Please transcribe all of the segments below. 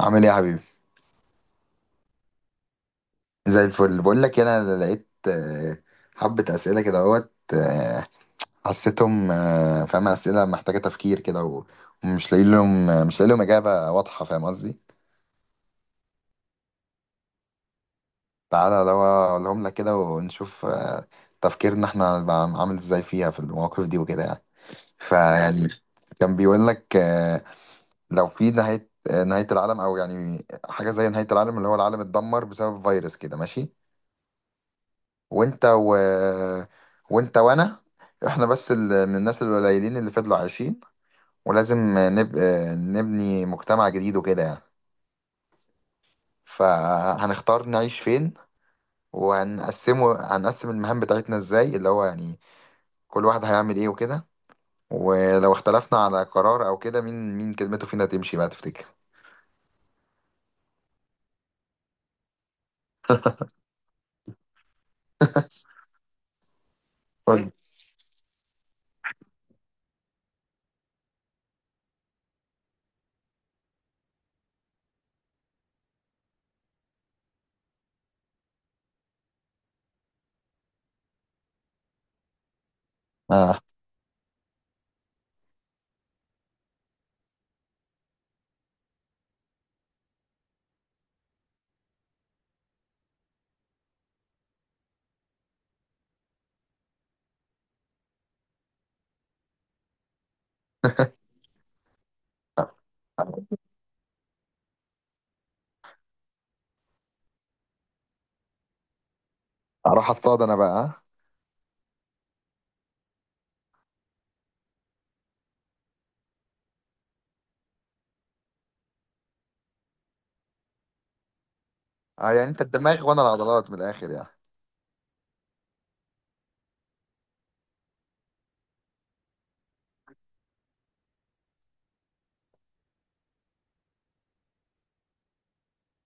عامل ايه يا حبيبي؟ زي الفل. بقول لك إيه، انا لقيت حبة اسئلة كده اهوت، حسيتهم، فاهم، اسئلة محتاجة تفكير كده ومش لاقي لهم، مش لاقي لهم اجابة واضحة، فاهم قصدي؟ تعالى لو اقولهم لك كده ونشوف تفكيرنا احنا هنبقى عامل ازاي فيها، في المواقف دي وكده يعني. فيعني كان بيقول لك، لو في نهاية، نهاية العالم او يعني حاجة زي نهاية العالم، اللي هو العالم اتدمر بسبب فيروس كده، ماشي. وانت و... وانت وانا، احنا بس من الناس القليلين اللي فضلوا عايشين، ولازم نبني مجتمع جديد وكده يعني. فهنختار نعيش فين، هنقسم المهام بتاعتنا ازاي، اللي هو يعني كل واحد هيعمل ايه وكده. ولو اختلفنا على قرار او كده، مين كلمته فينا تمشي بقى تفتكر؟ قول لي. اه، اروح اصطاد انا بقى، ها؟ اه، يعني انت الدماغ وانا العضلات من الاخر يعني.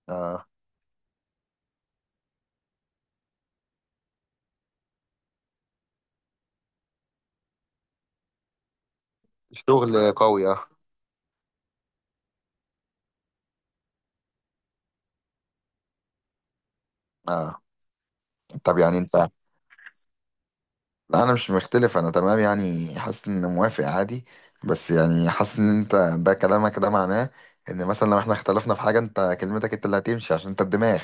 اه، الشغل قوي، اه. اه، طب يعني انت. لا، انا مش مختلف، انا تمام يعني، حاسس ان موافق عادي. بس يعني حاسس ان انت ده كلامك ده معناه ان مثلا لو احنا اختلفنا في حاجة، انت كلمتك انت اللي هتمشي عشان انت الدماغ.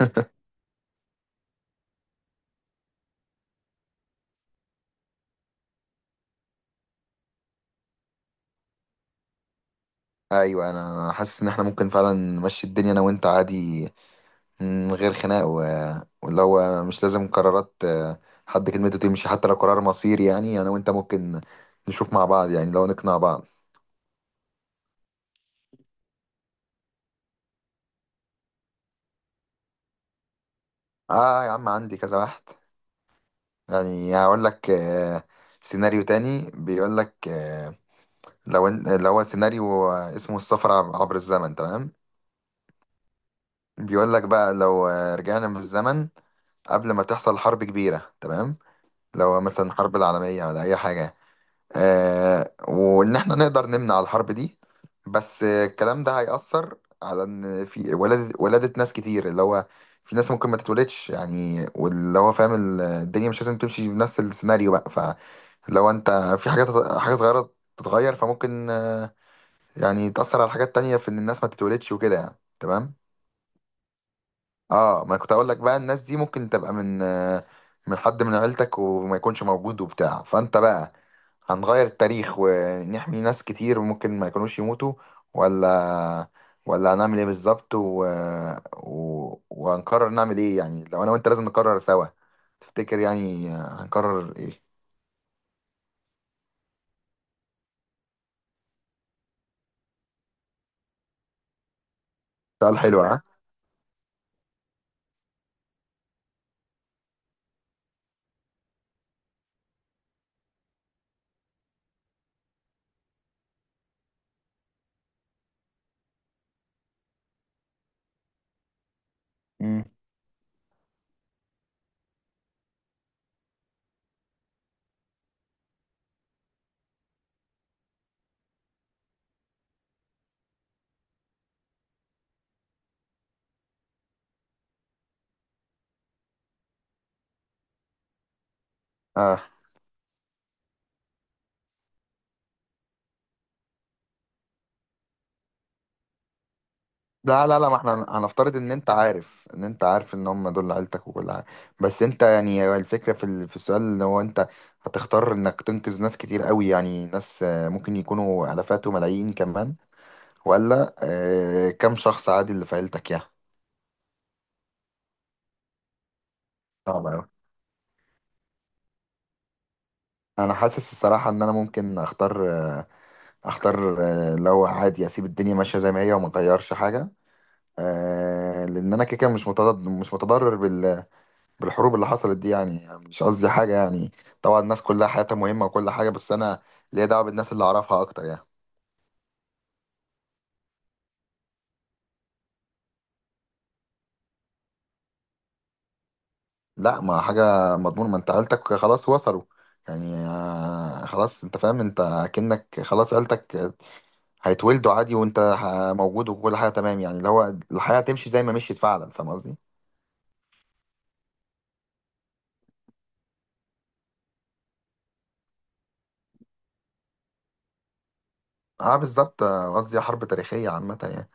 ايوه، أنا حاسس ان احنا ممكن فعلا نمشي الدنيا انا وانت عادي، من غير خناق. واللي هو مش لازم قرارات، حد كلمته تمشي حتى لو قرار مصيري يعني. انا وانت ممكن نشوف مع بعض يعني، لو نقنع بعض. اه يا عم، عندي كذا واحد يعني. هقول لك، سيناريو تاني بيقول لك، اللي هو سيناريو اسمه السفر عبر الزمن، تمام؟ بيقول لك بقى لو رجعنا بالزمن قبل ما تحصل حرب كبيرة، تمام. لو مثلا حرب العالمية ولا أي حاجة، آه، وإن إحنا نقدر نمنع الحرب دي. بس الكلام ده هيأثر على إن في ولادة ناس كتير، اللي هو في ناس ممكن ما تتولدش يعني، واللي هو فاهم الدنيا مش لازم تمشي بنفس السيناريو بقى. فلو أنت في حاجات، حاجة صغيرة تتغير فممكن يعني تأثر على حاجات تانية في إن الناس ما تتولدش وكده يعني، تمام؟ اه، ما كنت أقول لك بقى، الناس دي ممكن تبقى من، من حد من عيلتك وما يكونش موجود وبتاع. فأنت بقى، هنغير التاريخ ونحمي ناس كتير ممكن ما يكونوش يموتوا، ولا ولا هنعمل ايه بالظبط وهنقرر نعمل ايه يعني؟ لو انا وانت لازم نقرر سوا، تفتكر يعني هنقرر ايه؟ سؤال حلو، ها؟ مم. اه، لا لا لا، ما احنا هنفترض ان انت عارف، ان انت عارف ان هم دول عيلتك وكل حاجه. بس انت يعني، هو الفكره في في السؤال اللي هو انت هتختار انك تنقذ ناس كتير قوي يعني، ناس ممكن يكونوا الافات وملايين كمان، ولا كم شخص عادي اللي في عيلتك يعني. صعب أوي. انا حاسس الصراحه ان انا ممكن اختار، لو عادي اسيب الدنيا ماشيه زي ما هي وما اغيرش حاجه، لان انا كده كده مش متضرر، بالحروب اللي حصلت دي يعني. يعني مش قصدي حاجة يعني، طبعا الناس كلها حياتها مهمة وكل حاجة، بس أنا ليا دعوة بالناس اللي أعرفها أكتر يعني. لا، ما حاجة مضمون، ما أنت عيلتك خلاص وصلوا يعني، خلاص أنت فاهم، أنت أكنك خلاص عيلتك هيتولدوا عادي وأنت موجود وكل حاجة تمام يعني، اللي هو الحياة تمشي زي ما مشيت فعلا، فاهم قصدي؟ أه، بالظبط، قصدي حرب تاريخية عامة يعني.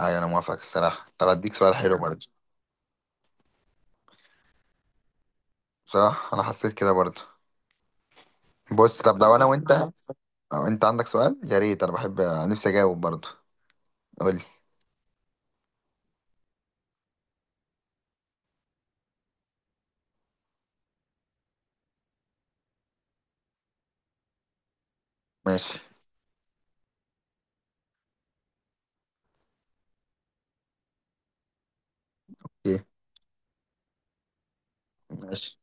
أيوة، أنا موافق الصراحة. طب أديك سؤال حلو برضه. صح، أنا حسيت كده برضه. بص، طب لو انا وانت، لو انت عندك سؤال يا ريت، انا بحب نفسي اجاوب برضه. قول لي. ماشي، ايه، ماشي.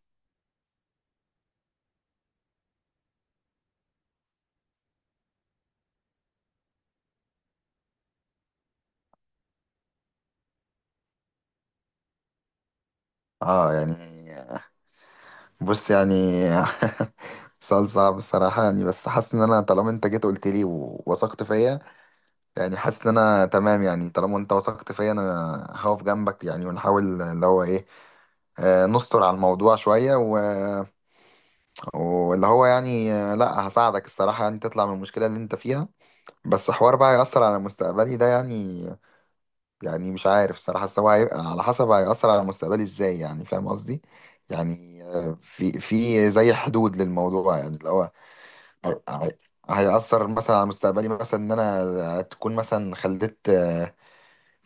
اه يعني، بص يعني، سؤال صعب الصراحة يعني. بس حاسس ان انا طالما انت جيت قلت لي ووثقت فيا يعني، حاسس ان انا تمام يعني، طالما انت وثقت فيا، انا هقف جنبك يعني ونحاول اللي هو ايه، نستر على الموضوع شوية. واللي هو يعني، لا، هساعدك الصراحة يعني تطلع من المشكلة اللي انت فيها. بس حوار بقى هيأثر على مستقبلي ده يعني، يعني مش عارف الصراحة، بس هو هيبقى على حسب هيأثر على مستقبلي ازاي يعني، فاهم قصدي؟ يعني في زي حدود للموضوع يعني، اللي هو هي- هي- هيأثر مثلا على مستقبلي، مثلا ان انا تكون مثلا خلفت،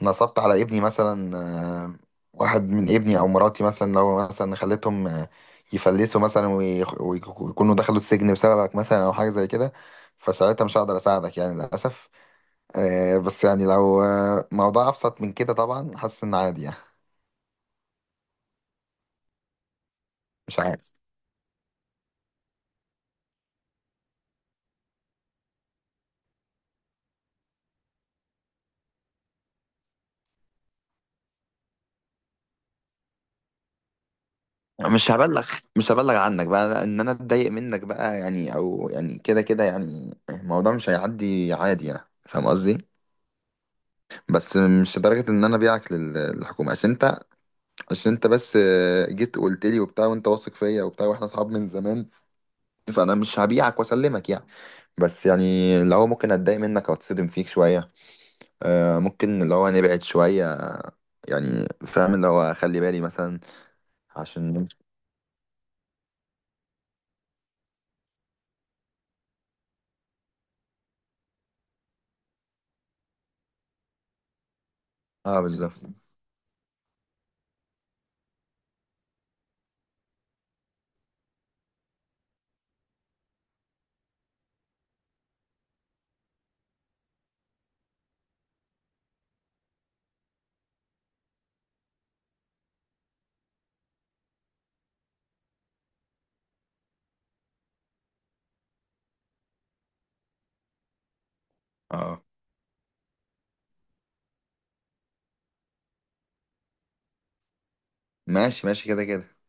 نصبت على ابني مثلا، آه، واحد من ابني او مراتي مثلا، لو مثلا خليتهم يفلسوا مثلا ويكونوا دخلوا السجن بسببك مثلا، او حاجه زي كده، فساعتها مش هقدر اساعدك يعني للاسف. بس يعني لو موضوع ابسط من كده، طبعا حاسس ان عادي يعني. مش عارف. مش هبلغ، عنك بقى، ان انا اتضايق منك بقى يعني، او يعني كده كده يعني الموضوع مش هيعدي عادي يعني، فاهم قصدي؟ بس مش لدرجة ان انا بيعك للحكومة، عشان انت بس جيت قلت لي وبتاع وانت واثق فيا وبتاع، واحنا اصحاب من زمان، فانا مش هبيعك واسلمك يعني. بس يعني لو هو ممكن اتضايق منك او اتصدم فيك شويه، ممكن اللي هو نبعد شويه يعني، فاهم اللي هو خلي بالي مثلا عشان. اه بالظبط. اه، ماشي ماشي كده كده.